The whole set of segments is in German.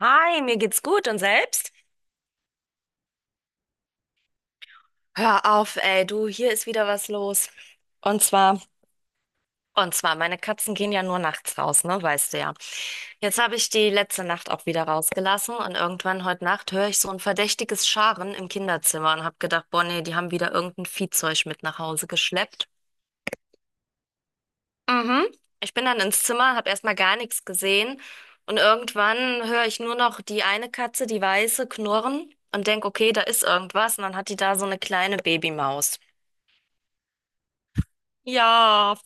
Hi, mir geht's gut und selbst? Hör auf, ey, du, hier ist wieder was los. Und zwar, und zwar, meine Katzen gehen ja nur nachts raus, ne, weißt du ja. Jetzt habe ich die letzte Nacht auch wieder rausgelassen und irgendwann heute Nacht höre ich so ein verdächtiges Scharen im Kinderzimmer und habe gedacht, boah, nee, die haben wieder irgendein Viehzeug mit nach Hause geschleppt. Mhm. Ich bin dann ins Zimmer, habe erstmal gar nichts gesehen und irgendwann höre ich nur noch die eine Katze, die weiße, knurren und denk, okay, da ist irgendwas und dann hat die da so eine kleine Babymaus. Ja,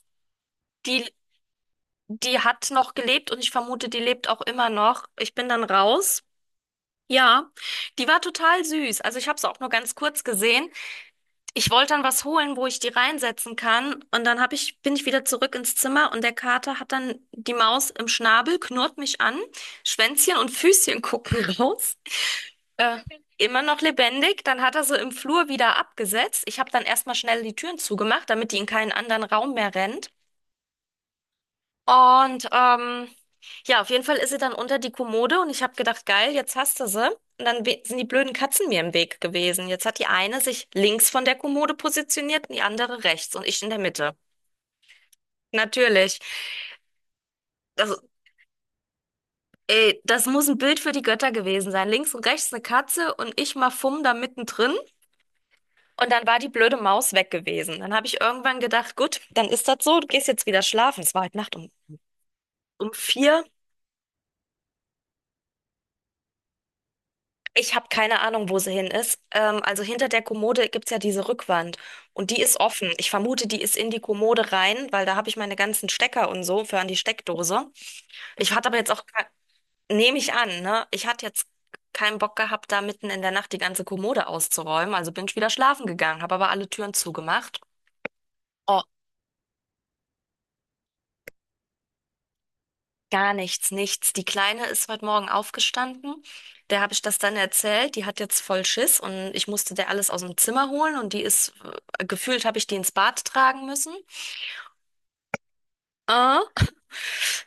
die die hat noch gelebt und ich vermute, die lebt auch immer noch. Ich bin dann raus. Ja, die war total süß. Also ich habe sie auch nur ganz kurz gesehen. Ich wollte dann was holen, wo ich die reinsetzen kann. Und bin ich wieder zurück ins Zimmer und der Kater hat dann die Maus im Schnabel, knurrt mich an, Schwänzchen und Füßchen gucken raus. Äh, Immer noch lebendig. Dann hat er sie im Flur wieder abgesetzt. Ich habe dann erstmal schnell die Türen zugemacht, damit die in keinen anderen Raum mehr rennt. Und ja, auf jeden Fall ist sie dann unter die Kommode und ich habe gedacht, geil, jetzt hast du sie. Und dann sind die blöden Katzen mir im Weg gewesen. Jetzt hat die eine sich links von der Kommode positioniert und die andere rechts und ich in der Mitte. Natürlich. Das, ey, das muss ein Bild für die Götter gewesen sein. Links und rechts eine Katze und ich mal fumm da mittendrin. Und dann war die blöde Maus weg gewesen. Dann habe ich irgendwann gedacht, gut, dann ist das so, du gehst jetzt wieder schlafen. Es war heute Nacht um, um 4. Ich habe keine Ahnung, wo sie hin ist. Also hinter der Kommode gibt's ja diese Rückwand und die ist offen. Ich vermute, die ist in die Kommode rein, weil da habe ich meine ganzen Stecker und so für an die Steckdose. Ich hatte aber jetzt auch, nehme ich an, ne? Ich hatte jetzt keinen Bock gehabt, da mitten in der Nacht die ganze Kommode auszuräumen. Also bin ich wieder schlafen gegangen, habe aber alle Türen zugemacht. Oh, gar nichts, nichts. Die Kleine ist heute Morgen aufgestanden. Der habe ich das dann erzählt. Die hat jetzt voll Schiss und ich musste der alles aus dem Zimmer holen und die ist, gefühlt habe ich die ins Bad tragen müssen. Ah,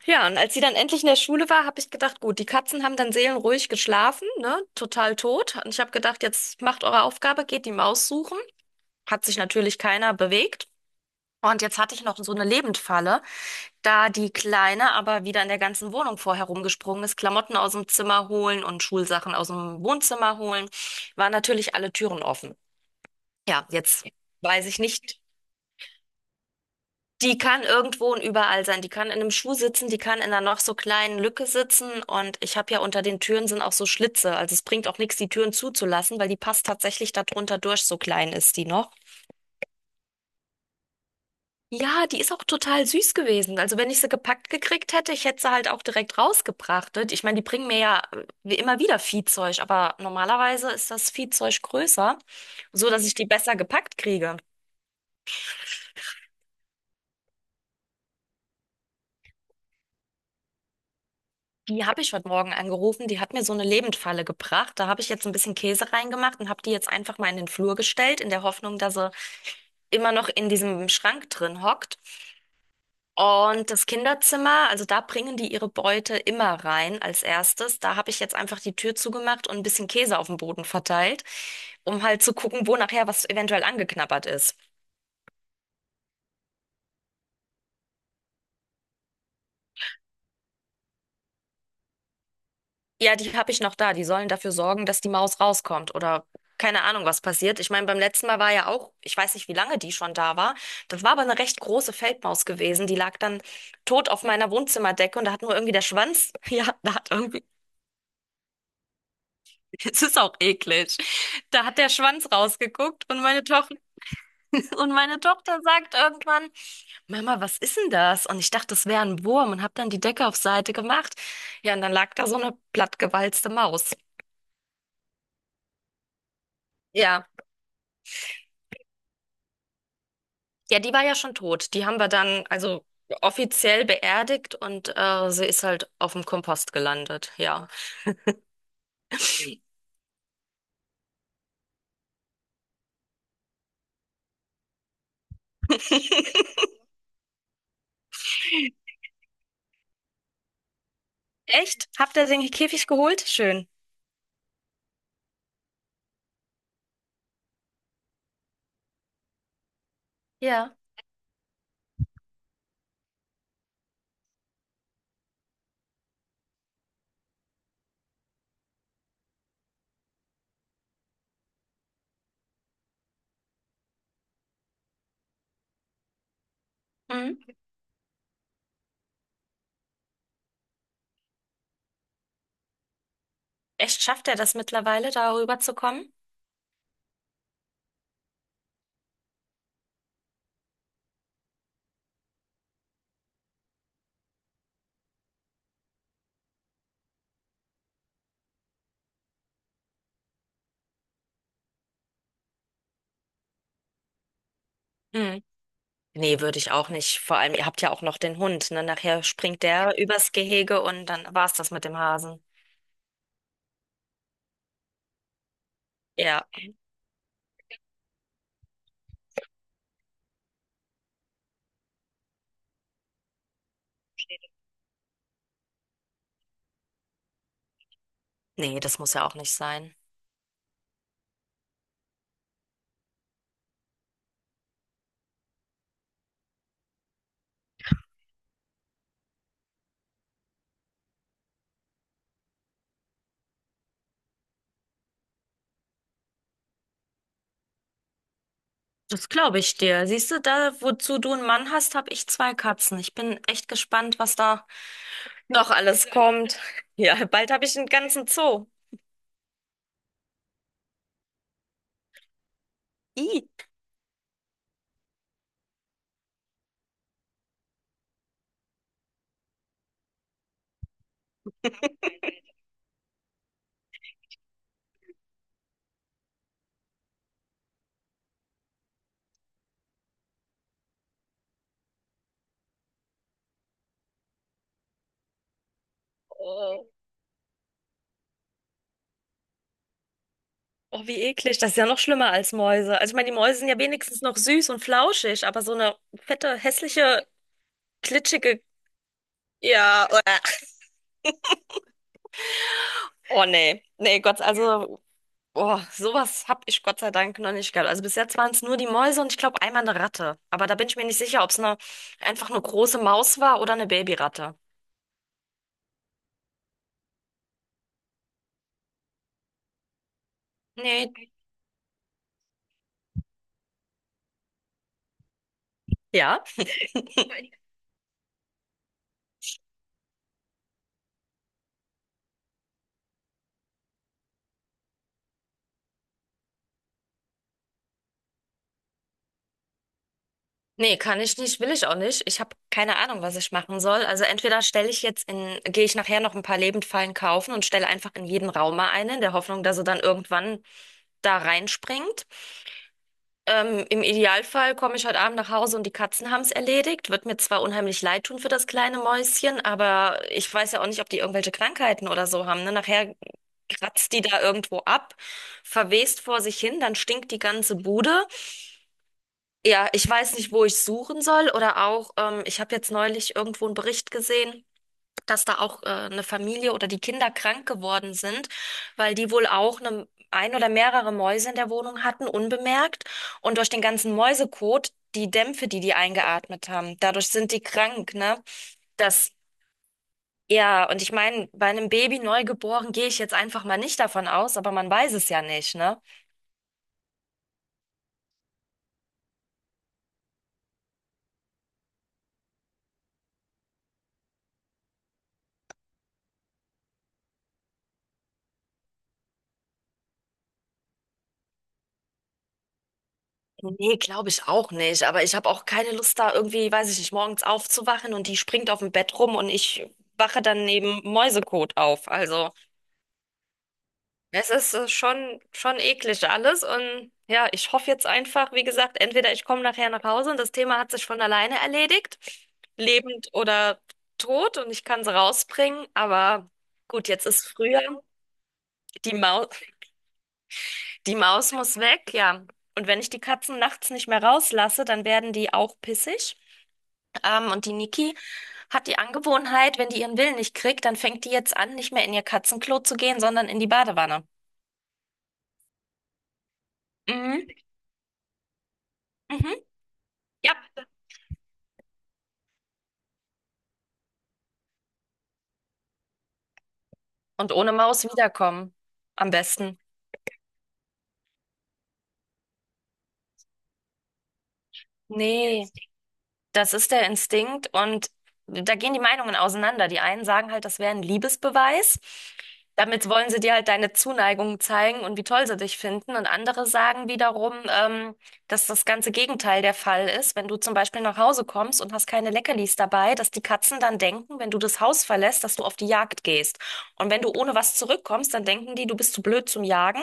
ja, und als sie dann endlich in der Schule war, habe ich gedacht, gut, die Katzen haben dann seelenruhig geschlafen, ne, total tot. Und ich habe gedacht, jetzt macht eure Aufgabe, geht die Maus suchen. Hat sich natürlich keiner bewegt. Und jetzt hatte ich noch so eine Lebendfalle. Da die Kleine aber wieder in der ganzen Wohnung vorher rumgesprungen ist, Klamotten aus dem Zimmer holen und Schulsachen aus dem Wohnzimmer holen, waren natürlich alle Türen offen. Ja, jetzt weiß ich nicht. Die kann irgendwo und überall sein. Die kann in einem Schuh sitzen, die kann in einer noch so kleinen Lücke sitzen. Und ich habe ja unter den Türen sind auch so Schlitze. Also es bringt auch nichts, die Türen zuzulassen, weil die passt tatsächlich da drunter durch, so klein ist die noch. Ja, die ist auch total süß gewesen. Also wenn ich sie gepackt gekriegt hätte, ich hätte sie halt auch direkt rausgebracht, ne? Ich meine, die bringen mir ja wie immer wieder Viehzeug, aber normalerweise ist das Viehzeug größer, so dass ich die besser gepackt kriege. Die habe ich heute Morgen angerufen, die hat mir so eine Lebendfalle gebracht. Da habe ich jetzt ein bisschen Käse reingemacht und habe die jetzt einfach mal in den Flur gestellt, in der Hoffnung, dass sie immer noch in diesem Schrank drin hockt. Und das Kinderzimmer, also da bringen die ihre Beute immer rein als erstes. Da habe ich jetzt einfach die Tür zugemacht und ein bisschen Käse auf dem Boden verteilt, um halt zu gucken, wo nachher was eventuell angeknabbert ist. Ja, die habe ich noch da. Die sollen dafür sorgen, dass die Maus rauskommt oder keine Ahnung, was passiert. Ich meine, beim letzten Mal war ja auch, ich weiß nicht, wie lange die schon da war. Das war aber eine recht große Feldmaus gewesen. Die lag dann tot auf meiner Wohnzimmerdecke und da hat nur irgendwie der Schwanz, ja, da hat irgendwie es ist auch eklig. Da hat der Schwanz rausgeguckt und meine Tochter und meine Tochter sagt irgendwann, Mama, was ist denn das? Und ich dachte, das wäre ein Wurm und habe dann die Decke auf Seite gemacht. Ja, und dann lag da so eine plattgewalzte Maus. Ja, ja, die war ja schon tot. Die haben wir dann also offiziell beerdigt und sie ist halt auf dem Kompost gelandet. Ja. Echt? Habt ihr den Käfig geholt? Schön. Ja. Mhm. Echt, schafft er das mittlerweile, darüber zu kommen? Nee, würde ich auch nicht. Vor allem, ihr habt ja auch noch den Hund, ne? Nachher springt der übers Gehege und dann war's das mit dem Hasen. Ja, nee, das muss ja auch nicht sein. Das glaube ich dir. Siehst du, da, wozu du einen Mann hast, habe ich 2 Katzen. Ich bin echt gespannt, was da noch alles kommt. Ja, bald habe ich einen ganzen Zoo. Ih. Oh, oh, wie eklig. Das ist ja noch schlimmer als Mäuse. Also ich meine, die Mäuse sind ja wenigstens noch süß und flauschig, aber so eine fette, hässliche, klitschige, ja. Oh nee. Nee, Gott, also boah, sowas habe ich Gott sei Dank noch nicht gehabt. Also bis jetzt waren es nur die Mäuse und ich glaube einmal eine Ratte. Aber da bin ich mir nicht sicher, ob es eine, einfach eine große Maus war oder eine Babyratte. Nee, ja. Nee, kann ich nicht, will ich auch nicht. Ich habe keine Ahnung, was ich machen soll. Also entweder stelle ich jetzt in, gehe ich nachher noch ein paar Lebendfallen kaufen und stelle einfach in jeden Raum mal eine, in der Hoffnung, dass er dann irgendwann da reinspringt. Im Idealfall komme ich heute Abend nach Hause und die Katzen haben es erledigt. Wird mir zwar unheimlich leid tun für das kleine Mäuschen, aber ich weiß ja auch nicht, ob die irgendwelche Krankheiten oder so haben, ne? Nachher kratzt die da irgendwo ab, verwest vor sich hin, dann stinkt die ganze Bude. Ja, ich weiß nicht, wo ich suchen soll oder auch, ich habe jetzt neulich irgendwo einen Bericht gesehen, dass da auch eine Familie oder die Kinder krank geworden sind, weil die wohl auch eine, ein oder mehrere Mäuse in der Wohnung hatten, unbemerkt. Und durch den ganzen Mäusekot, die Dämpfe, die die eingeatmet haben, dadurch sind die krank, ne? Das, ja, und ich meine, bei einem Baby neugeboren gehe ich jetzt einfach mal nicht davon aus, aber man weiß es ja nicht, ne? Nee, glaube ich auch nicht. Aber ich habe auch keine Lust, da irgendwie, weiß ich nicht, morgens aufzuwachen und die springt auf dem Bett rum und ich wache dann neben Mäusekot auf. Also. Es ist schon eklig alles und ja, ich hoffe jetzt einfach, wie gesagt, entweder ich komme nachher nach Hause und das Thema hat sich von alleine erledigt, lebend oder tot und ich kann sie rausbringen, aber gut, jetzt ist früher, die Maus, die Maus muss weg, ja. Und wenn ich die Katzen nachts nicht mehr rauslasse, dann werden die auch pissig. Und die Niki hat die Angewohnheit, wenn die ihren Willen nicht kriegt, dann fängt die jetzt an, nicht mehr in ihr Katzenklo zu gehen, sondern in die Badewanne. Mhm. Mhm. Ja. Und ohne Maus wiederkommen. Am besten. Nee, das ist der Instinkt und da gehen die Meinungen auseinander. Die einen sagen halt, das wäre ein Liebesbeweis. Damit wollen sie dir halt deine Zuneigung zeigen und wie toll sie dich finden. Und andere sagen wiederum, dass das ganze Gegenteil der Fall ist. Wenn du zum Beispiel nach Hause kommst und hast keine Leckerlis dabei, dass die Katzen dann denken, wenn du das Haus verlässt, dass du auf die Jagd gehst. Und wenn du ohne was zurückkommst, dann denken die, du bist zu blöd zum Jagen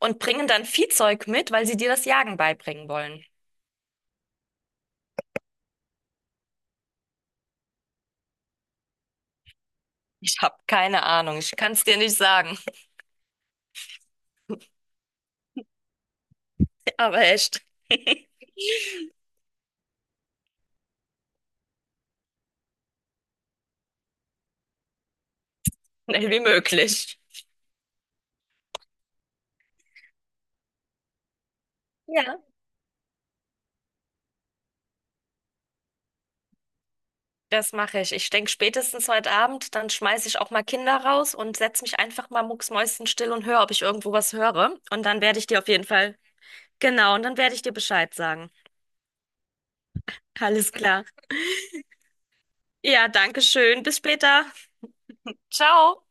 und bringen dann Viehzeug mit, weil sie dir das Jagen beibringen wollen. Ich habe keine Ahnung, ich kann es dir nicht sagen, aber echt schnell wie möglich. Ja, das mache ich. Ich denke spätestens heute Abend, dann schmeiße ich auch mal Kinder raus und setze mich einfach mal mucksmäuschenstill und höre, ob ich irgendwo was höre. Und dann werde ich dir auf jeden Fall, genau, und dann werde ich dir Bescheid sagen. Alles klar. Ja, danke schön. Bis später. Ciao.